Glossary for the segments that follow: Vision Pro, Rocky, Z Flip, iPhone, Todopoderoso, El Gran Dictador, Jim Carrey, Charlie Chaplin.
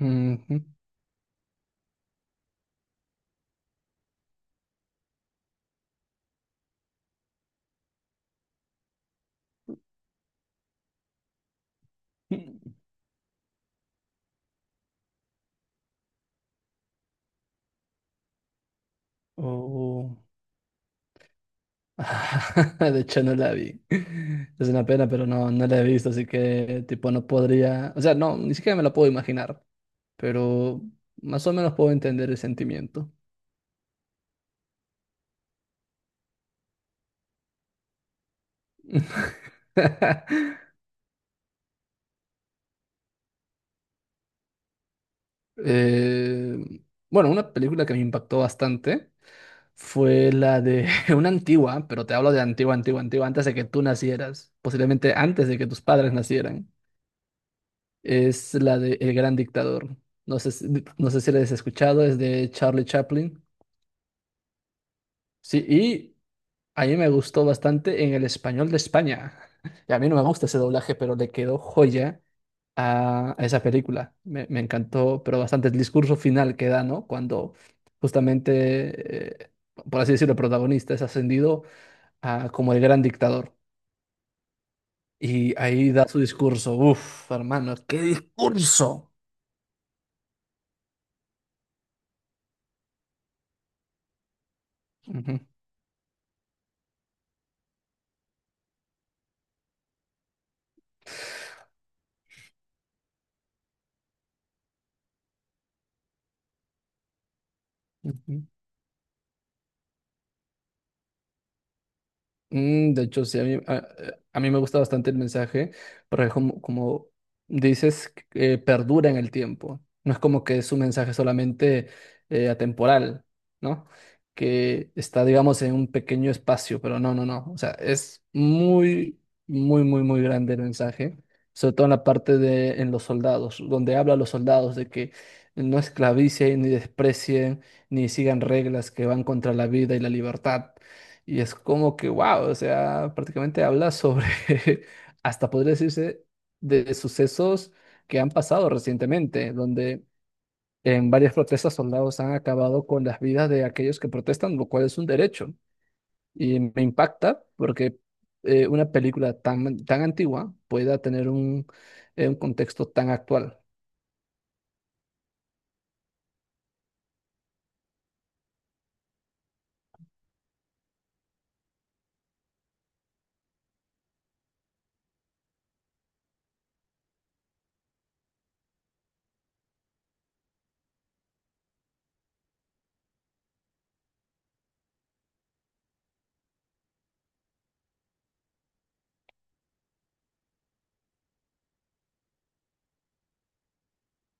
Ujú. Oh. De hecho, no la vi. Es una pena, pero no, no la he visto, así que tipo no podría, o sea, no, ni siquiera me la puedo imaginar, pero más o menos puedo entender el sentimiento. Eh, bueno, una película que me impactó bastante fue la de una antigua, pero te hablo de antigua, antigua, antigua, antes de que tú nacieras, posiblemente antes de que tus padres nacieran. Es la de El Gran Dictador. No sé, si- no sé si la has escuchado, es de Charlie Chaplin. Sí, y a mí me gustó bastante en el español de España. Y a mí no me gusta ese doblaje, pero le quedó joya a esa película. Me encantó, pero bastante el discurso final que da, ¿no? Cuando justamente, por así decirlo, el protagonista es ascendido a, como el Gran Dictador. Y ahí da su discurso. Uf, hermano, qué discurso. Ujú, ujú. Mm, de hecho, sí, a mí me gusta bastante el mensaje, porque como dices, perdura en el tiempo. No es como que es un mensaje solamente atemporal, ¿no? Que está, digamos, en un pequeño espacio, pero no. O sea, es muy grande el mensaje, sobre todo en la parte de en los soldados, donde habla a los soldados de que no esclavicen, ni desprecien, ni sigan reglas que van contra la vida y la libertad y es como que, wow, o sea, prácticamente habla sobre, hasta podría decirse, de sucesos que han pasado recientemente, donde en varias protestas soldados han acabado con las vidas de aquellos que protestan, lo cual es un derecho. Y me impacta porque una película tan antigua pueda tener un contexto tan actual.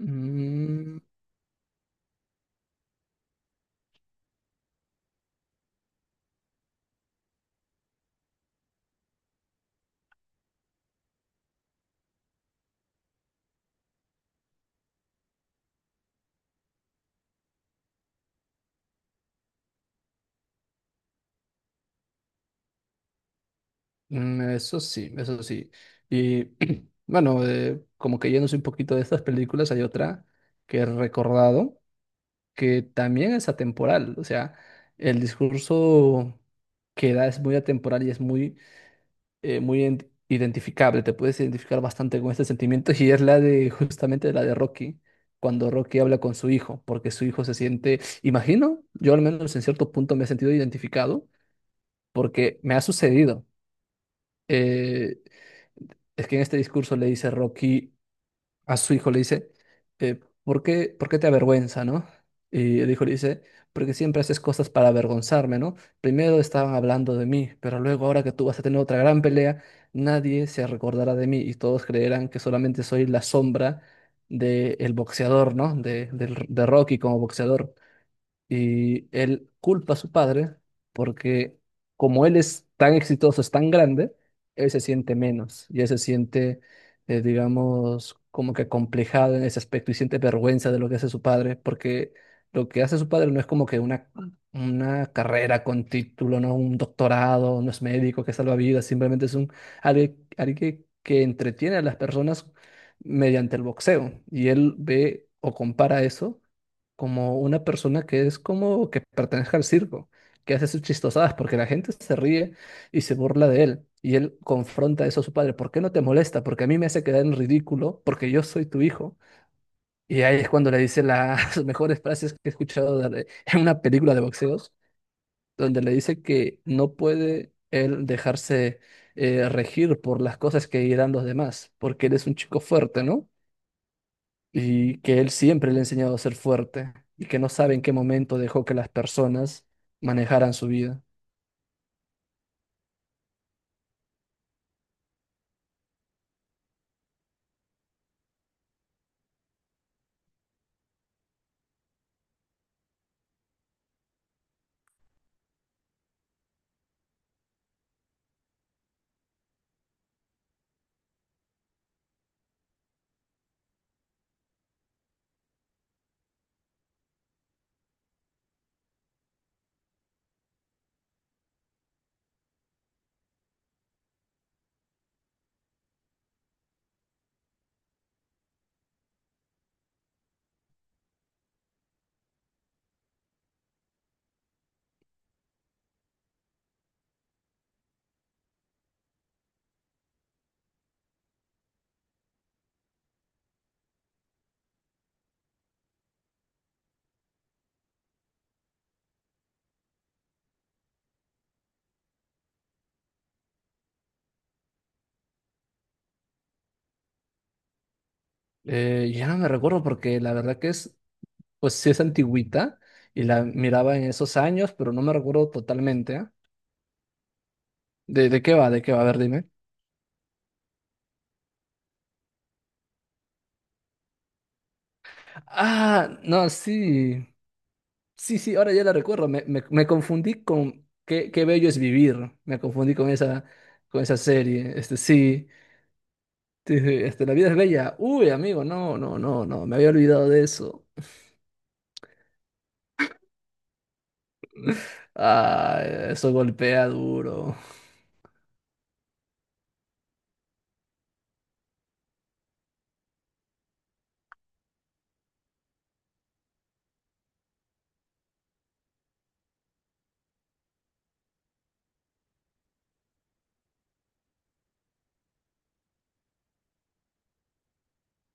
Mm, Eso sí, eso sí. Y bueno, como que yéndose un poquito de estas películas, hay otra que he recordado que también es atemporal. O sea, el discurso que da es muy atemporal y es muy, identificable. Te puedes identificar bastante con este sentimiento y es la de justamente la de Rocky, cuando Rocky habla con su hijo, porque su hijo se siente, imagino, yo al menos en cierto punto me he sentido identificado porque me ha sucedido. eh, es que en este discurso le dice Rocky a su hijo, le dice, eh, por qué te avergüenza, no? Y el hijo le dice, porque siempre haces cosas para avergonzarme, ¿no? Primero estaban hablando de mí, pero luego ahora que tú vas a tener otra gran pelea, nadie se recordará de mí y todos creerán que solamente soy la sombra del boxeador, ¿no? De Rocky como boxeador. Y él culpa a su padre porque como él es tan exitoso, es tan grande, él se siente menos y él se siente, digamos, como que complejado en ese aspecto y siente vergüenza de lo que hace su padre, porque lo que hace su padre no es como que una carrera con título, no un doctorado, no es médico que salva vidas, simplemente es un alguien que entretiene a las personas mediante el boxeo. Y él ve o compara eso como una persona que es como que pertenezca al circo, que hace sus chistosadas porque la gente se ríe y se burla de él. Y él confronta eso a su padre. ¿Por qué no te molesta? Porque a mí me hace quedar en ridículo porque yo soy tu hijo. Y ahí es cuando le dice las mejores frases que he escuchado en una película de boxeos, donde le dice que no puede él dejarse regir por las cosas que dirán los demás, porque él es un chico fuerte, ¿no? Y que él siempre le ha enseñado a ser fuerte y que no sabe en qué momento dejó que las personas manejaran su vida. Ya no me recuerdo porque la verdad que es, pues sí es antigüita y la miraba en esos años, pero no me recuerdo totalmente, ¿eh? De qué va? ¿De qué va? A ver, dime. Ah, no, sí, sí, sí, ahora ya la recuerdo. Me confundí con qué, qué bello es vivir. Me confundí con esa serie. Este, sí, sí, sí, este, la vida es bella. Uy, amigo, no, no, no, no, me había olvidado de eso. Ah, eso golpea duro.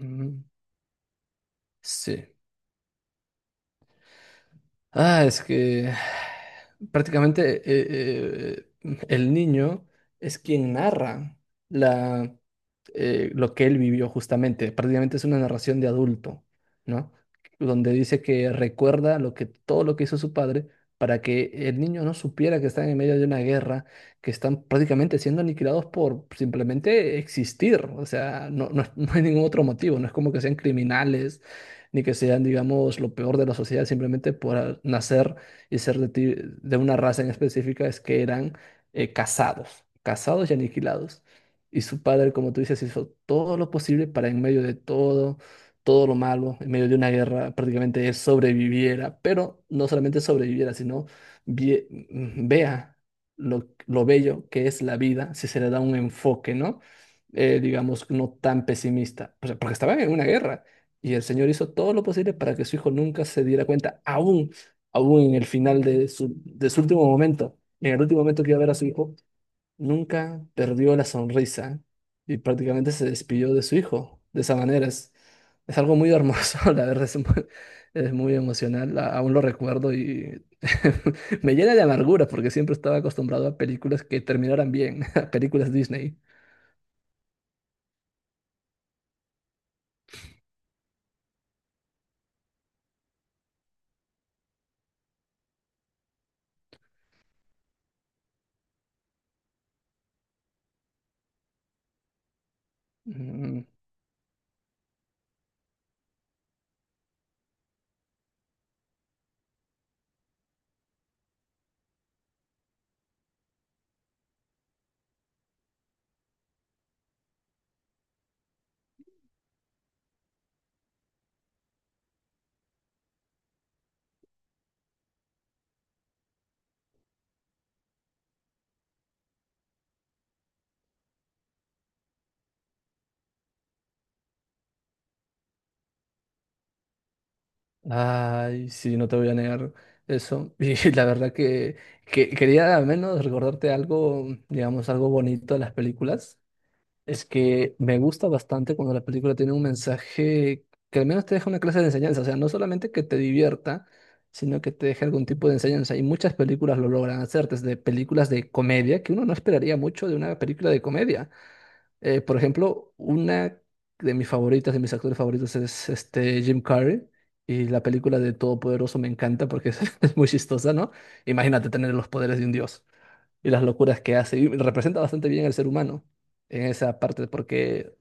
Mm. Sí. Ah, es que prácticamente el niño es quien narra la, lo que él vivió justamente. Prácticamente es una narración de adulto, ¿no? Donde dice que recuerda lo que, todo lo que hizo su padre para que el niño no supiera que están en medio de una guerra, que están prácticamente siendo aniquilados por simplemente existir. O sea, no, no, no hay ningún otro motivo. No es como que sean criminales ni que sean, digamos, lo peor de la sociedad simplemente por ah, nacer y ser de una raza en específica, es que eran cazados, cazados y aniquilados. Y su padre, como tú dices, hizo todo lo posible para en medio de todo, todo lo malo, en medio de una guerra, prácticamente él sobreviviera, pero no solamente sobreviviera, sino vea lo bello que es la vida si se le da un enfoque, ¿no? Digamos, no tan pesimista, o sea, porque estaban en una guerra y el Señor hizo todo lo posible para que su hijo nunca se diera cuenta, aún en el final de su último momento, en el último momento que iba a ver a su hijo, nunca perdió la sonrisa y prácticamente se despidió de su hijo. De esa manera es algo muy hermoso, la verdad es muy emocional, aún lo recuerdo y me llena de amargura porque siempre estaba acostumbrado a películas que terminaran bien, a películas Disney. Mm. Ay, sí, no te voy a negar eso. Y la verdad que quería al menos recordarte algo, digamos, algo bonito de las películas. Es que me gusta bastante cuando la película tiene un mensaje que al menos te deja una clase de enseñanza. O sea, no solamente que te divierta, sino que te deje algún tipo de enseñanza. Y muchas películas lo logran hacer, desde películas de comedia, que uno no esperaría mucho de una película de comedia. Por ejemplo, una de mis favoritas, de mis actores favoritos es este Jim Carrey. Y la película de Todopoderoso me encanta porque es, es muy chistosa, ¿no? Imagínate tener los poderes de un dios y las locuras que hace. Y representa bastante bien al ser humano en esa parte porque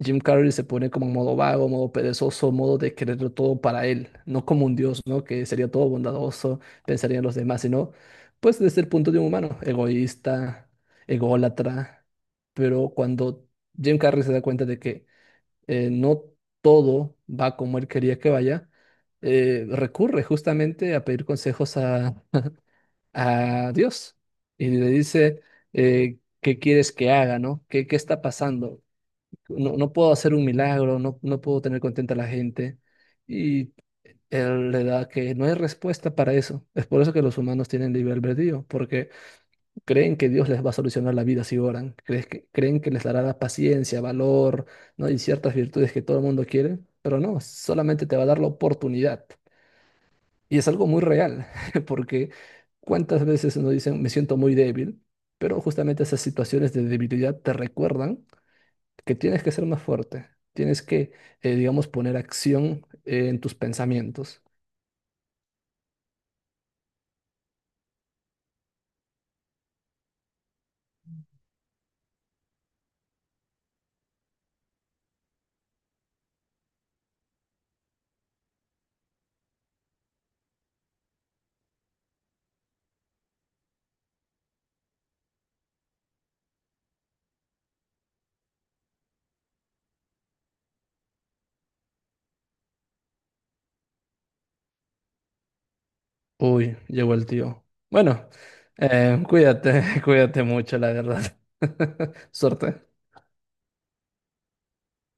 Jim Carrey se pone como en modo vago, modo perezoso, modo de quererlo todo para él, no como un dios, ¿no? Que sería todo bondadoso, pensaría en los demás, sino, pues desde el punto de un humano, egoísta, ególatra. Pero cuando Jim Carrey se da cuenta de que no todo va como él quería que vaya, recurre justamente a pedir consejos a Dios y le dice, ¿qué quieres que haga, ¿no? ¿Qué, qué está pasando? No, no puedo hacer un milagro, no, no puedo tener contenta a la gente. Y él le da que no hay respuesta para eso. Es por eso que los humanos tienen libre albedrío, porque creen que Dios les va a solucionar la vida si oran, crees que, creen que les dará la paciencia, valor, ¿no? Y ciertas virtudes que todo el mundo quiere, pero no, solamente te va a dar la oportunidad. Y es algo muy real, porque cuántas veces nos dicen, me siento muy débil, pero justamente esas situaciones de debilidad te recuerdan que tienes que ser más fuerte, tienes que, digamos, poner acción en tus pensamientos. Uy, llegó el tío. Bueno, cuídate, cuídate mucho, la verdad. Suerte.